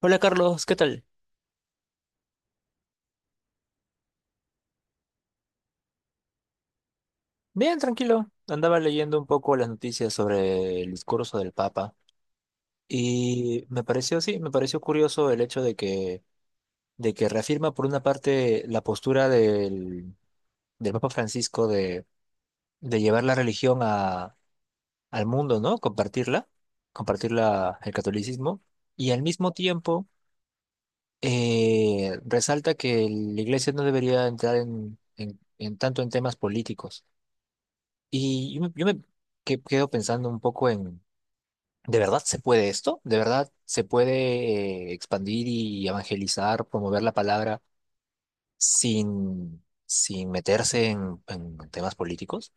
Hola Carlos, ¿qué tal? Bien, tranquilo. Andaba leyendo un poco las noticias sobre el discurso del Papa y me pareció, sí, me pareció curioso el hecho de que reafirma por una parte la postura del Papa Francisco de llevar la religión a, al mundo, ¿no? Compartirla, compartirla el catolicismo y al mismo tiempo resalta que la Iglesia no debería entrar en tanto en temas políticos. Y yo me, yo me quedo pensando un poco en, ¿de verdad se puede esto? ¿De verdad se puede expandir y evangelizar, promover la palabra sin meterse en temas políticos?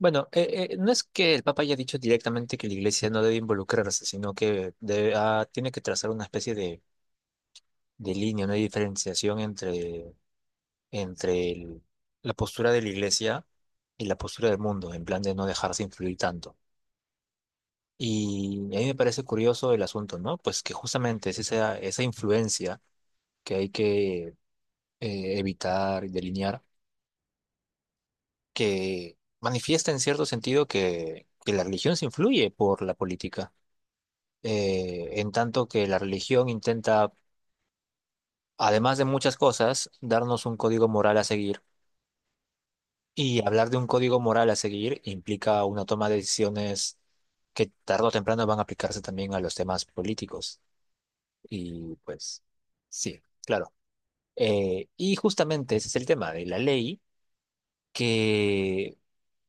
Bueno, no es que el Papa haya dicho directamente que la Iglesia no debe involucrarse, sino que tiene que trazar una especie de línea, una diferenciación entre la postura de la Iglesia y la postura del mundo, en plan de no dejarse influir tanto. Y a mí me parece curioso el asunto, ¿no? Pues que justamente es esa influencia que hay que evitar y delinear, que manifiesta en cierto sentido que la religión se influye por la política. En tanto que la religión intenta, además de muchas cosas, darnos un código moral a seguir. Y hablar de un código moral a seguir implica una toma de decisiones que tarde o temprano van a aplicarse también a los temas políticos. Y pues, sí, claro. Y justamente ese es el tema de la ley, que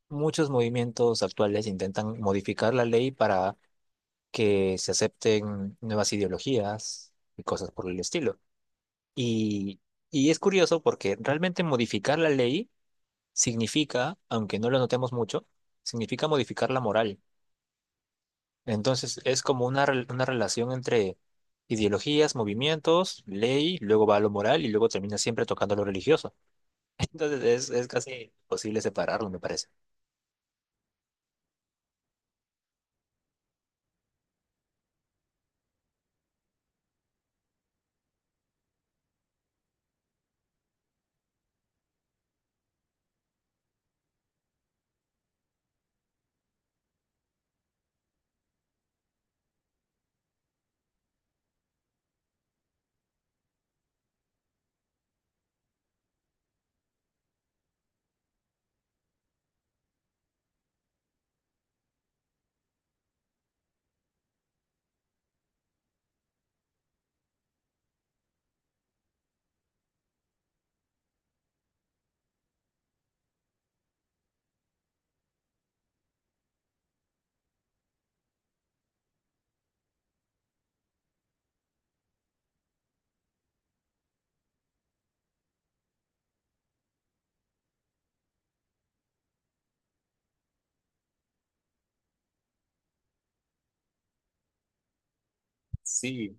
muchos movimientos actuales intentan modificar la ley para que se acepten nuevas ideologías y cosas por el estilo. Y, y es curioso porque realmente modificar la ley significa, aunque no lo notemos mucho, significa modificar la moral. Entonces es como una una relación entre ideologías, movimientos, ley, luego va a lo moral y luego termina siempre tocando lo religioso. Entonces es casi imposible separarlo, me parece. Sí,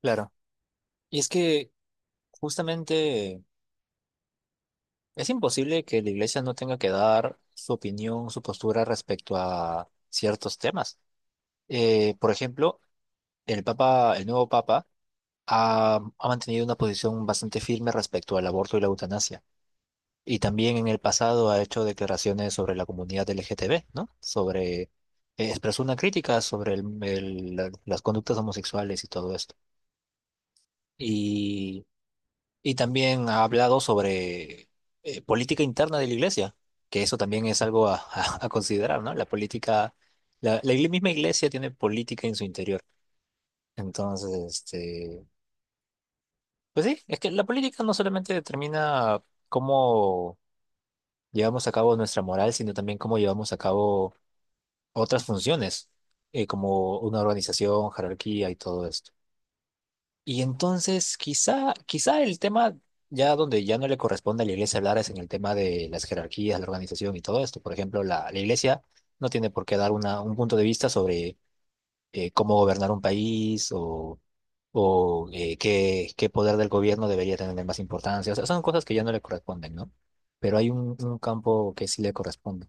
claro. Y es que justamente es imposible que la iglesia no tenga que dar su opinión, su postura respecto a ciertos temas. Por ejemplo, el papa, el nuevo papa ha mantenido una posición bastante firme respecto al aborto y la eutanasia. Y también en el pasado ha hecho declaraciones sobre la comunidad LGTB, ¿no? Sobre, expresó una crítica sobre las conductas homosexuales y todo eso. Y, y también ha hablado sobre política interna de la iglesia, que eso también es algo a, a- considerar, ¿no? La política, la misma iglesia tiene política en su interior. Entonces, este, pues sí, es que la política no solamente determina cómo llevamos a cabo nuestra moral, sino también cómo llevamos a cabo otras funciones, como una organización, jerarquía y todo esto. Y entonces quizá el tema ya donde ya no le corresponde a la iglesia hablar es en el tema de las jerarquías, la organización y todo esto. Por ejemplo, la iglesia no tiene por qué dar un punto de vista sobre cómo gobernar un país o qué poder del gobierno debería tener más importancia. O sea, son cosas que ya no le corresponden, ¿no? Pero hay un campo que sí le corresponde.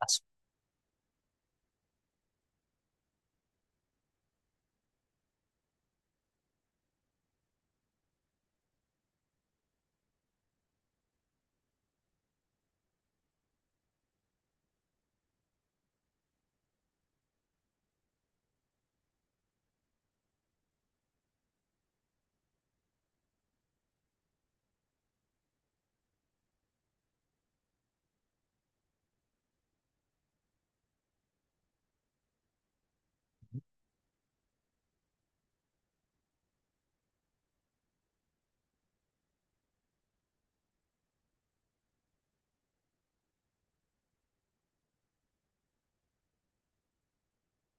Ah, su-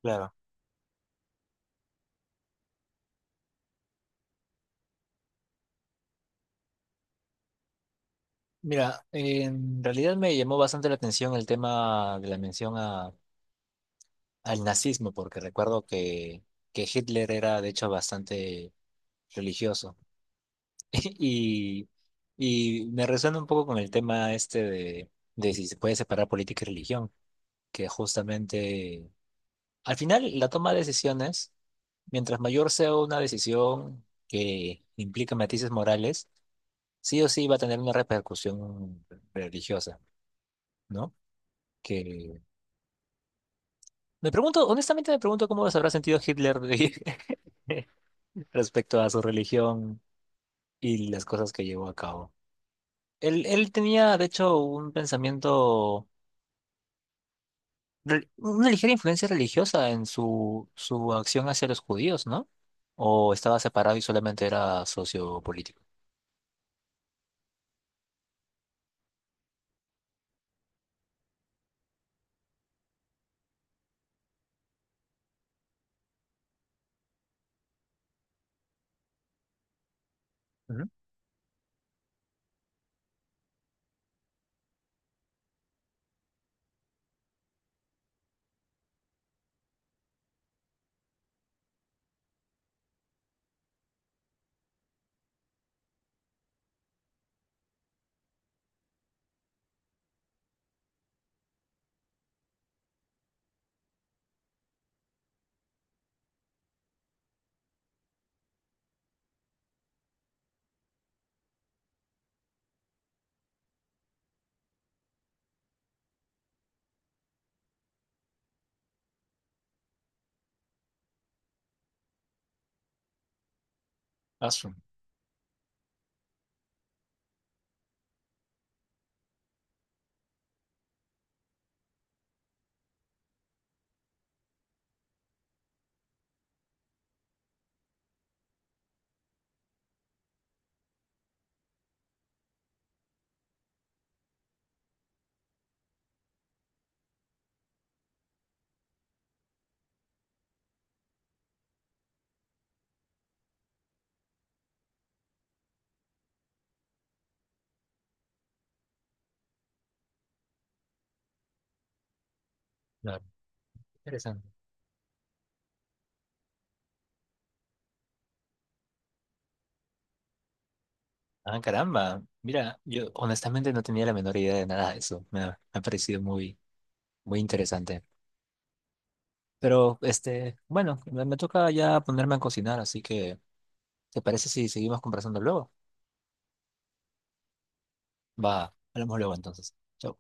claro. Mira, en realidad me llamó bastante la atención el tema de la mención a al nazismo, porque recuerdo que Hitler era de hecho bastante religioso. Y, y me resuena un poco con el tema este de si se puede separar política y religión, que justamente al final la toma de decisiones, mientras mayor sea una decisión que implica matices morales, sí o sí va a tener una repercusión religiosa, ¿no? Que me pregunto, honestamente me pregunto cómo se habrá sentido Hitler de- respecto a su religión y las cosas que llevó a cabo. Él tenía, de hecho, un pensamiento, re- una ligera influencia religiosa en su, su acción hacia los judíos, ¿no? O estaba separado y solamente era socio político. Ujú. Ah, su- claro. Interesante. Ah, caramba. Mira, yo honestamente no tenía la menor idea de nada de eso. Me ha parecido muy, muy interesante. Pero, este, bueno, me toca ya ponerme a cocinar, así que, ¿te parece si seguimos conversando luego? Va, hablamos luego entonces. Chau.